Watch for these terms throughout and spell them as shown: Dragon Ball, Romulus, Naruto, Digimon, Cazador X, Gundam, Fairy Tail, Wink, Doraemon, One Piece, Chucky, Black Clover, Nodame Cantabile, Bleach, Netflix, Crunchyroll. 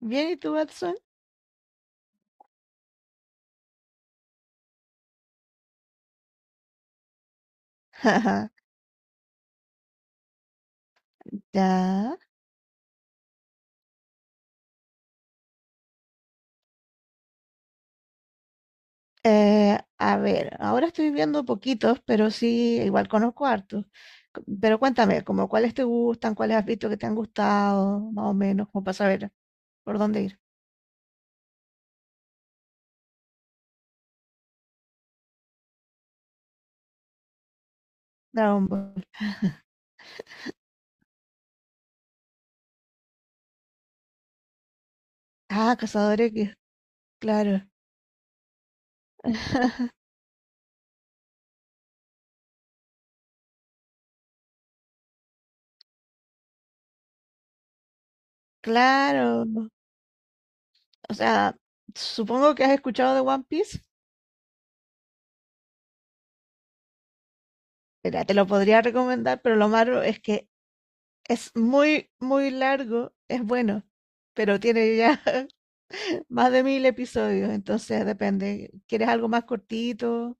Bien, ¿y tú, Watson? Ya. Ahora estoy viendo poquitos, pero sí, igual conozco hartos. Pero cuéntame, como cuáles te gustan, cuáles has visto que te han gustado, más o menos, como para saber por dónde ir. Dragon Ball. Ah, Cazador X, claro, claro. O sea, supongo que has escuchado de One Piece. Mira, te lo podría recomendar, pero lo malo es que es muy, muy largo, es bueno, pero tiene ya más de 1000 episodios, entonces depende. ¿Quieres algo más cortito?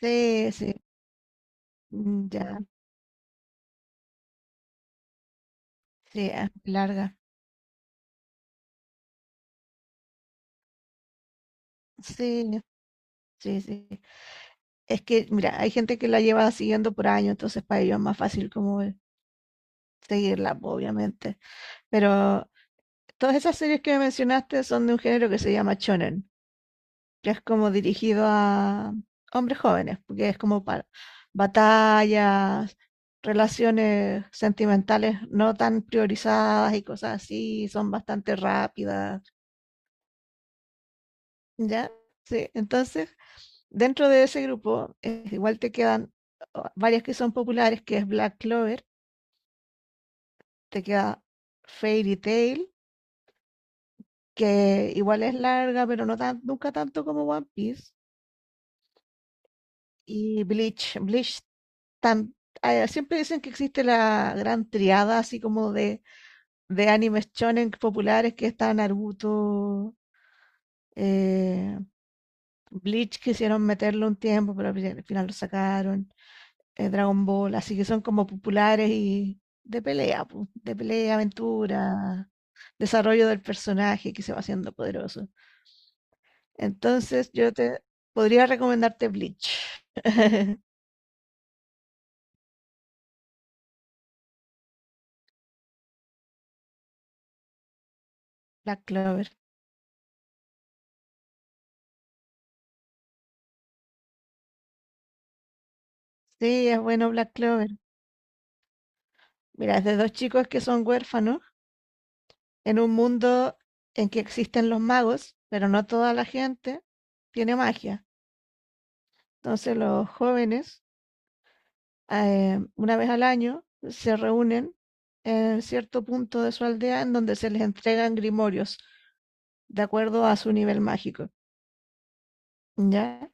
Sí, sí, mm, ya, sí, ah, larga. Sí, sí, sí. Es que, mira, hay gente que la lleva siguiendo por años, entonces para ellos es más fácil como seguirla, obviamente. Pero todas esas series que me mencionaste son de un género que se llama shonen, que es como dirigido a hombres jóvenes, porque es como para batallas, relaciones sentimentales no tan priorizadas y cosas así, son bastante rápidas, ¿ya? Sí, entonces, dentro de ese grupo, igual te quedan oh, varias que son populares, que es Black Clover, te queda Fairy Tail, que igual es larga, pero no tan, nunca tanto como One Piece. Y Bleach, tan- ah, siempre dicen que existe la gran triada así como de animes shonen populares que está Naruto, eh, Bleach quisieron meterlo un tiempo, pero al final lo sacaron, Dragon Ball, así que son como populares y de pelea, de pelea, aventura, desarrollo del personaje que se va haciendo poderoso. Entonces yo te podría recomendarte Bleach. Black Clover. Sí, es bueno Black Clover. Mira, es de dos chicos que son huérfanos en un mundo en que existen los magos, pero no toda la gente tiene magia. Entonces los jóvenes, una vez al año, se reúnen en cierto punto de su aldea en donde se les entregan grimorios de acuerdo a su nivel mágico. ¿Ya?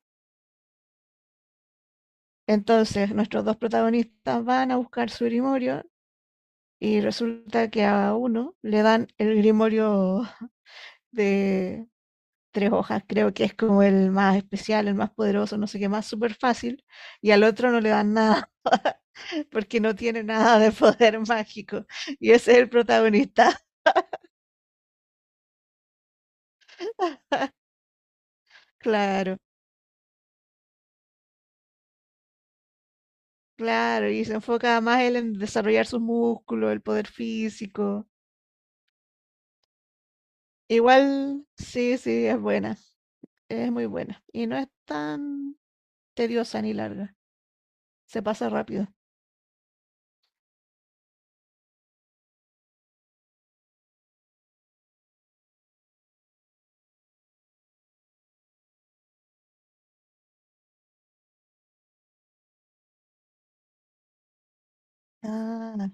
Entonces nuestros dos protagonistas van a buscar su grimorio y resulta que a uno le dan el grimorio de tres hojas, creo que es como el más especial, el más poderoso, no sé qué más, súper fácil, y al otro no le dan nada porque no tiene nada de poder mágico. Y ese es el protagonista. Claro, claro, y se enfoca más él en desarrollar sus músculos, el poder físico. Igual, sí, sí, es buena, es muy buena. Y no es tan tediosa ni larga, se pasa rápido. Ah,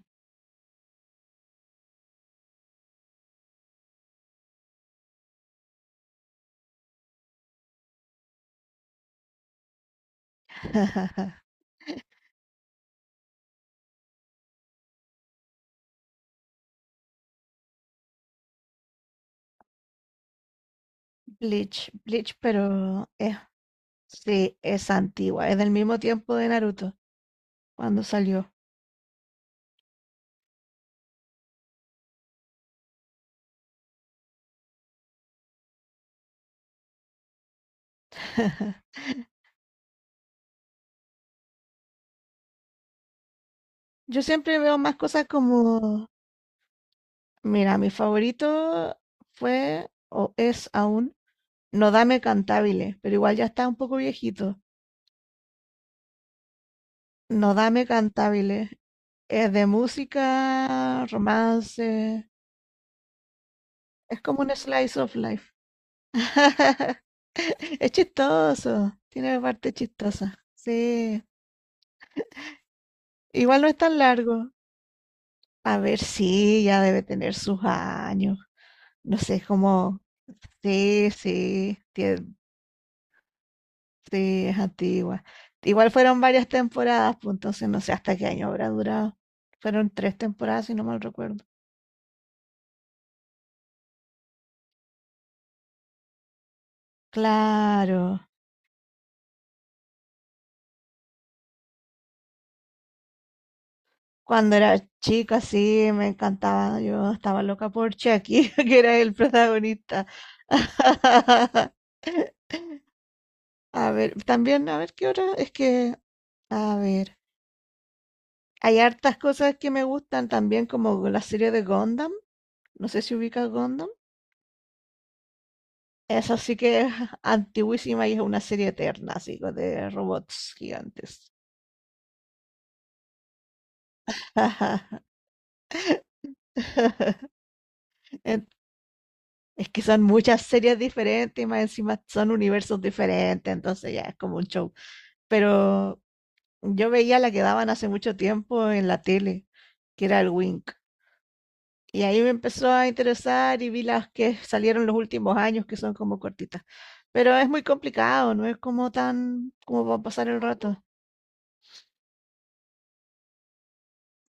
Bleach, Bleach, pero es... Sí, es antigua, es del mismo tiempo de Naruto, cuando salió. Yo siempre veo más cosas como, mira, mi favorito fue o es aún Nodame Cantabile, pero igual ya está un poco viejito. Nodame Cantabile es de música, romance, es como un slice of life. Es chistoso, tiene parte chistosa. Sí, igual no es tan largo. A ver, sí, ya debe tener sus años. No sé, es como, sí, sí, es antigua. Igual fueron varias temporadas, pues entonces no sé hasta qué año habrá durado. Fueron tres temporadas, si no mal recuerdo. Claro, cuando era chica, sí, me encantaba. Yo estaba loca por Chucky, que era el protagonista. A ver, también, a ver qué hora. Es que, a ver, hay hartas cosas que me gustan también, como la serie de Gundam. No sé si ubicas Gundam. Esa sí que es antiguísima y es una serie eterna, así, de robots gigantes. En- Es que son muchas series diferentes y más encima son universos diferentes, entonces ya es como un show. Pero yo veía la que daban hace mucho tiempo en la tele, que era el Wink. Y ahí me empezó a interesar y vi las que salieron los últimos años, que son como cortitas. Pero es muy complicado, no es como tan como para pasar el rato.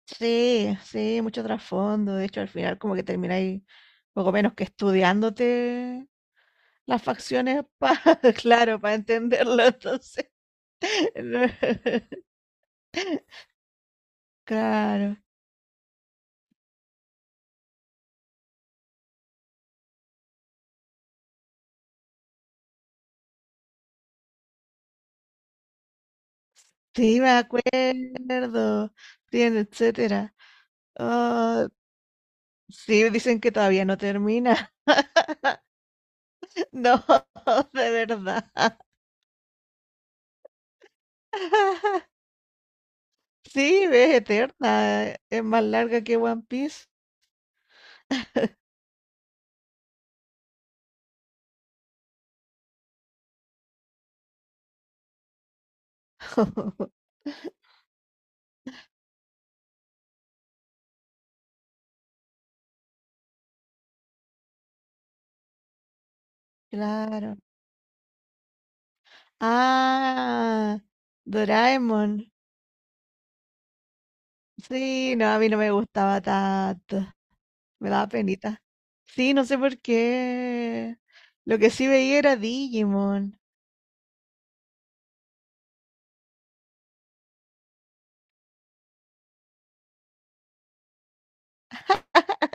Sí, sí, mucho trasfondo. De hecho, al final como que termináis poco menos que estudiándote las facciones para, claro, para entenderlo. Entonces, no. Claro. Sí, me acuerdo. Bien, etcétera. Oh, sí, dicen que todavía no termina. No, de verdad. Sí, es eterna. Es más larga que One Piece. Claro. Ah, Doraemon. Sí, no, a mí no me gustaba tanto. Me daba penita. Sí, no sé por qué. Lo que sí veía era Digimon.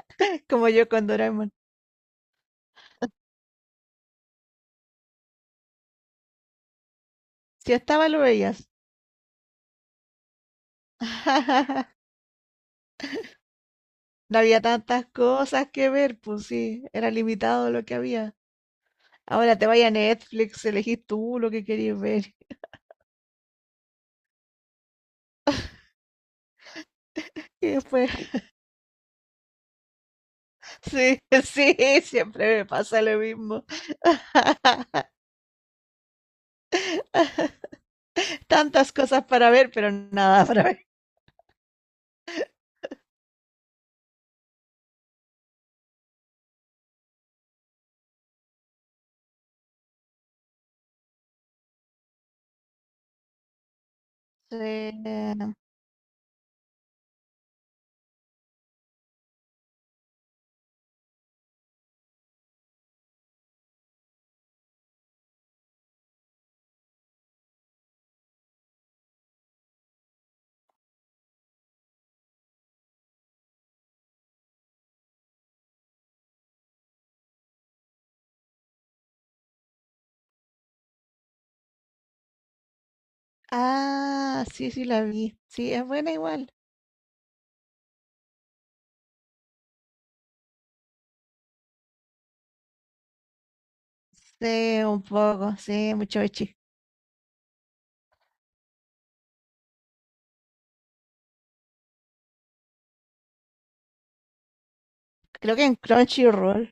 Como yo con Doraemon. Si estaba, lo veías. No había tantas cosas que ver, pues sí. Era limitado lo que había. Ahora te vaya a Netflix, elegís tú lo que querías ver. Y después, sí, sí, siempre me pasa lo mismo. Tantas cosas para ver, pero nada para ver. Sí. Ah, sí, sí la vi. Sí, es buena igual. Sí, un poco, sí, mucho echi. Creo que en Crunchyroll.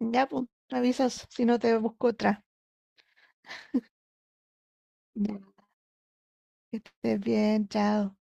Ya, pues, me avisas si no te busco otra. Ya, que estés bien, chao.